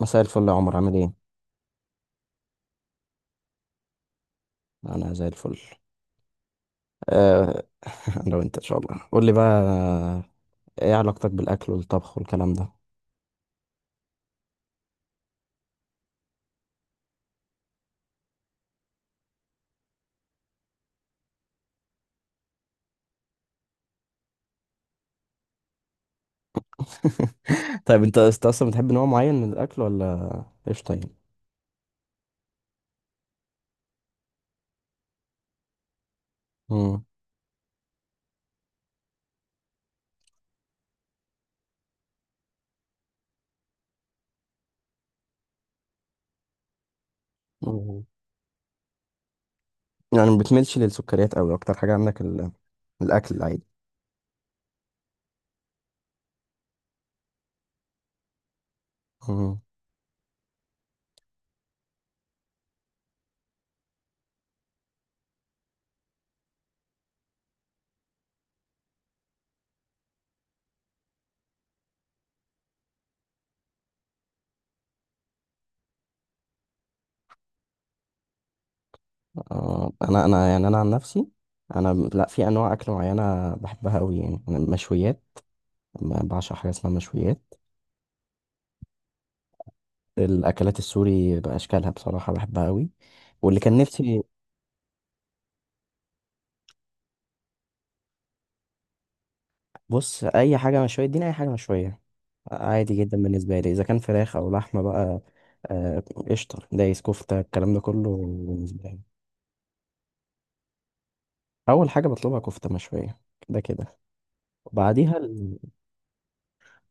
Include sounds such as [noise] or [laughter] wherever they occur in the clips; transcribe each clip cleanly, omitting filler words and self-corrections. مساء الفل يا عمر، عامل ايه؟ انا زي الفل. أه. [laughs] انا وانت ان شاء الله، قول لي بقى، ايه علاقتك بالاكل والطبخ والكلام ده؟ [laughs] طيب، انت اصلا بتحب نوع معين من الاكل ولا ايش طيب؟ مم. مم. يعني ما بتميلش للسكريات قوي، اكتر حاجة عندك الاكل العادي؟ مم. انا يعني انا عن نفسي، انا لا، في انواع اكل معينة بحبها قوي، يعني أنا المشويات. أنا بعشق حاجة اسمها مشويات. الاكلات السوري باشكالها بصراحه بحبها قوي. واللي كان نفسي، بص، اي حاجه مشويه اديني اي حاجه مشويه، عادي جدا بالنسبه لي، اذا كان فراخ او لحمه بقى. آه، قشطه دايس كفته الكلام ده كله بالنسبه لي. اول حاجه بطلبها كفته مشويه، كده كده. وبعديها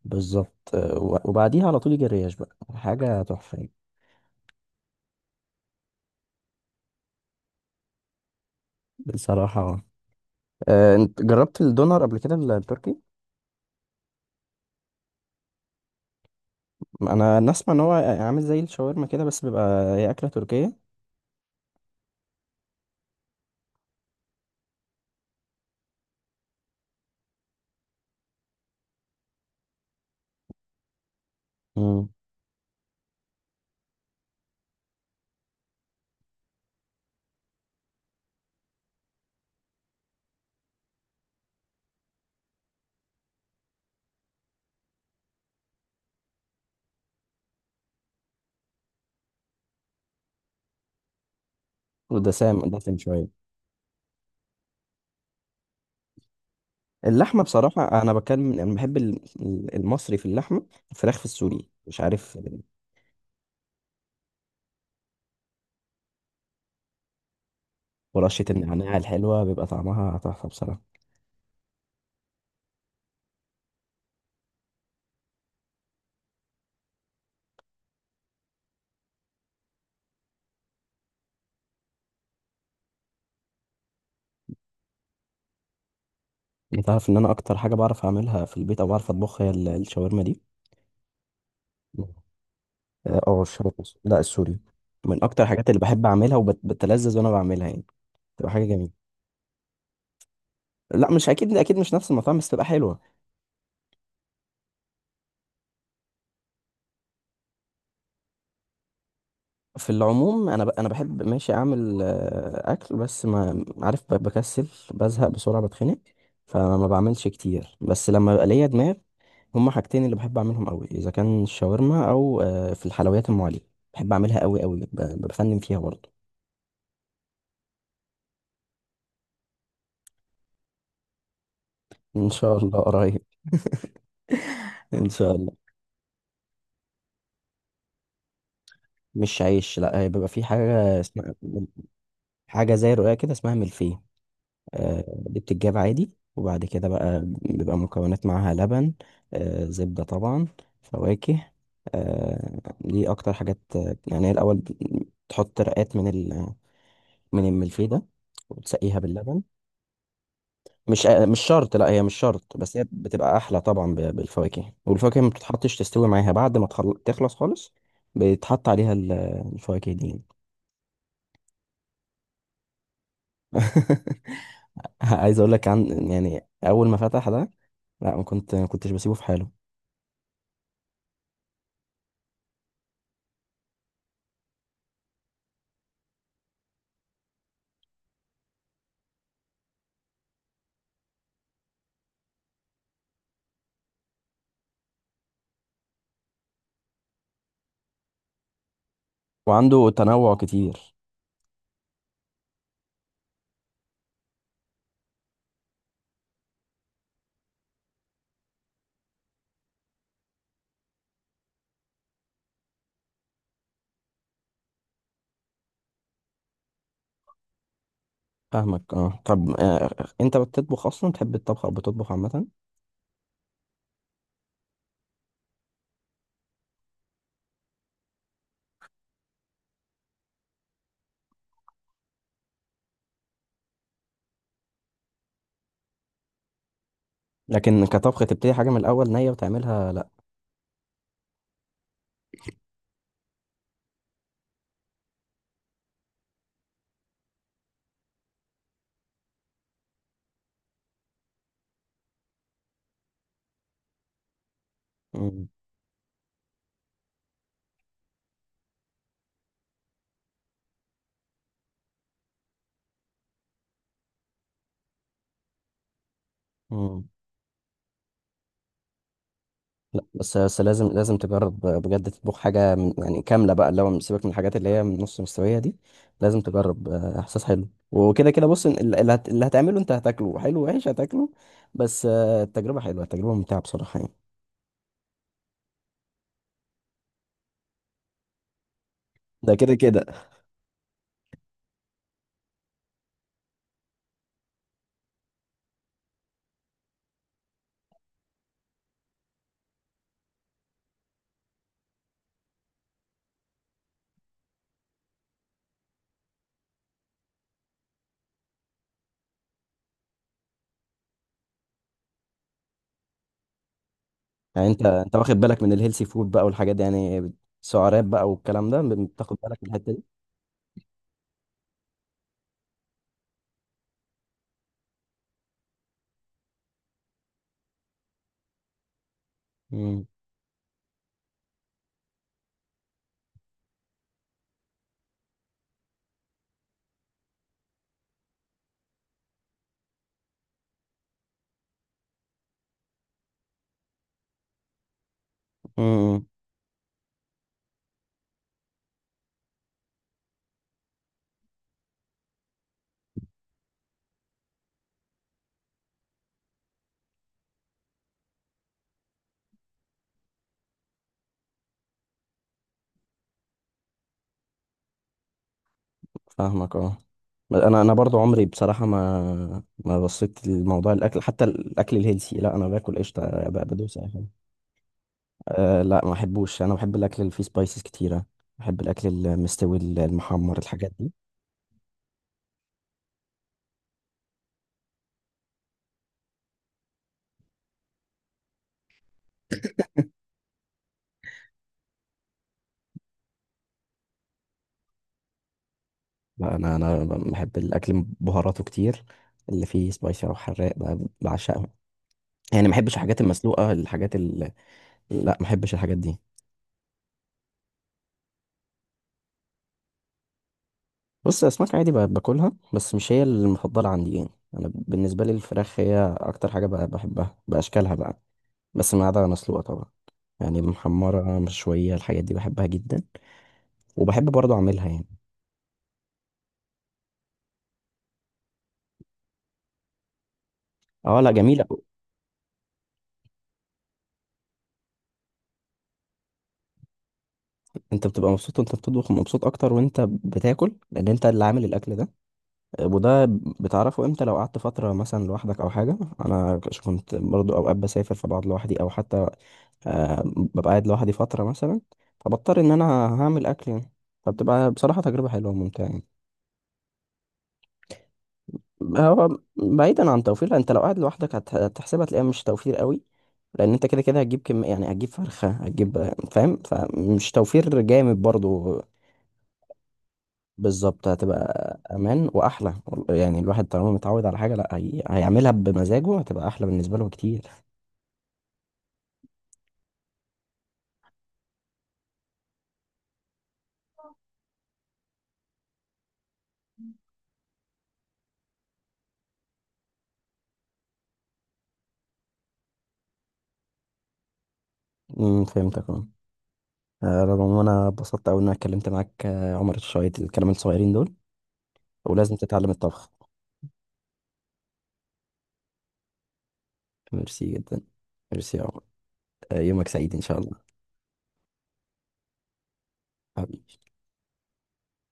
بالظبط، وبعديها على طول يجي الريش بقى، حاجه تحفه يعني. بصراحه، انت جربت الدونر قبل كده، التركي؟ انا نسمع ان هو عامل زي الشاورما كده، بس بيبقى هي اكله تركيه. مم. ودسام دسم شويه. اللحمه بصراحه، انا بتكلم، انا بحب المصري في اللحمه. الفراخ في السوري مش عارف. ورشه النعناع الحلوه بيبقى طعمها تحفه بصراحه. انت عارف ان انا اكتر حاجه بعرف اعملها في البيت او بعرف اطبخها، هي الشاورما دي. اه، الشاورما لا، السوري. من اكتر الحاجات اللي بحب اعملها وبتلذذ وانا بعملها يعني. بتبقى حاجه جميله. لا، مش اكيد. اكيد مش نفس المطعم، بس بتبقى حلوه. في العموم، انا انا بحب، ماشي اعمل اكل، بس ما عارف، بكسل، بزهق بسرعه، بتخنق. فما بعملش كتير، بس لما بقى ليا دماغ. هما حاجتين اللي بحب اعملهم قوي، اذا كان الشاورما او في الحلويات ام علي، بحب اعملها قوي قوي، بفنن فيها برضه. ان شاء الله قريب. [laughs] ان شاء الله. مش عيش، لا، بيبقى في حاجه اسمها، حاجه زي رقاق كده اسمها ملفيه. دي بتتجاب عادي، وبعد كده بقى بيبقى مكونات معاها لبن، زبدة طبعا، فواكه. دي أكتر حاجات، يعني، هي الأول تحط رقات من من الملفيه ده وتسقيها باللبن. مش شرط، لا، هي مش شرط، بس هي بتبقى أحلى طبعا بالفواكه، والفواكه ما بتتحطش، تستوي معاها بعد ما تخلص خالص. بيتحط عليها الفواكه دي. [laughs] يعني. عايز اقول لك عن، يعني، اول ما فتح ده، لا، ما كنتش بسيبه في حاله. وعنده تنوع كتير. فاهمك، اه، طب. انت بتطبخ اصلا، تحب الطبخ او بتطبخ عامه؟ لكن كطبخ تبتدي حاجه من الاول نيه وتعملها، لا. مم. مم. لا، بس لازم تجرب بجد، تطبخ حاجه من يعني كامله بقى، اللي هو سيبك من الحاجات اللي هي من نص مستويه دي. لازم تجرب، احساس حلو وكده كده. بص، اللي هتعمله انت هتاكله، حلو وحش هتاكله، بس التجربه حلوه، التجربه ممتعه بصراحه يعني. ده كده كده. يعني انت واخد بالك من الهيلثي فود بقى والحاجات دي، يعني سعرات بقى والكلام ده، بتاخد بالك من الحتة دي؟ امم. امم. فاهمك، اه. انا برضو عمري بصراحة ما بصيت لموضوع الاكل، حتى الاكل الهيلثي، لا، انا باكل قشطة، بدوس اي حاجة. لا، ما بحبوش. انا بحب الاكل اللي فيه سبايسز كتيرة، بحب الاكل المستوي المحمر الحاجات دي. لا، انا بحب الاكل بهاراته كتير، اللي فيه سبايسي او حراق بعشقه. يعني ما بحبش الحاجات المسلوقة، الحاجات، لا، ما بحبش الحاجات دي. بص، اسماك عادي باكلها، بس مش هي المفضله عندي يعني. انا بالنسبه لي الفراخ هي اكتر حاجه بحبها باشكالها بقى، بس ما عدا مسلوقه طبعا. يعني المحمره مشويه الحاجات دي بحبها جدا، وبحب برضه اعملها يعني. اه، لا، جميله. انت بتبقى مبسوط وانت بتطبخ، مبسوط اكتر وانت بتاكل لان انت اللي عامل الاكل ده. وده بتعرفه امتى، لو قعدت فترة مثلا لوحدك او حاجة. انا كنت برضو اوقات بسافر فبقعد لوحدي، او حتى ببقى قاعد لوحدي فترة مثلا، فبضطر ان انا هعمل اكل يعني. فبتبقى بصراحة تجربة حلوة وممتعة يعني. هو بعيدا عن توفير، لأ، انت لو قاعد لوحدك هتحسبها، تلاقيها مش توفير قوي، لان انت كده كده هتجيب كم، يعني هتجيب فرخة، هتجيب، فاهم، فمش توفير جامد برضو. بالظبط، هتبقى امان واحلى. يعني الواحد طالما متعود على حاجه، لا، هيعملها بمزاجه، هتبقى احلى بالنسبه له كتير. امم، فهمتك اه. رغم ان انا اتبسطت قوي ان انا اتكلمت معاك، عمر شويه الكلام الصغيرين دول، ولازم تتعلم الطبخ. ميرسي جدا. ميرسي يا عمر. يومك سعيد ان شاء الله. حبيبي.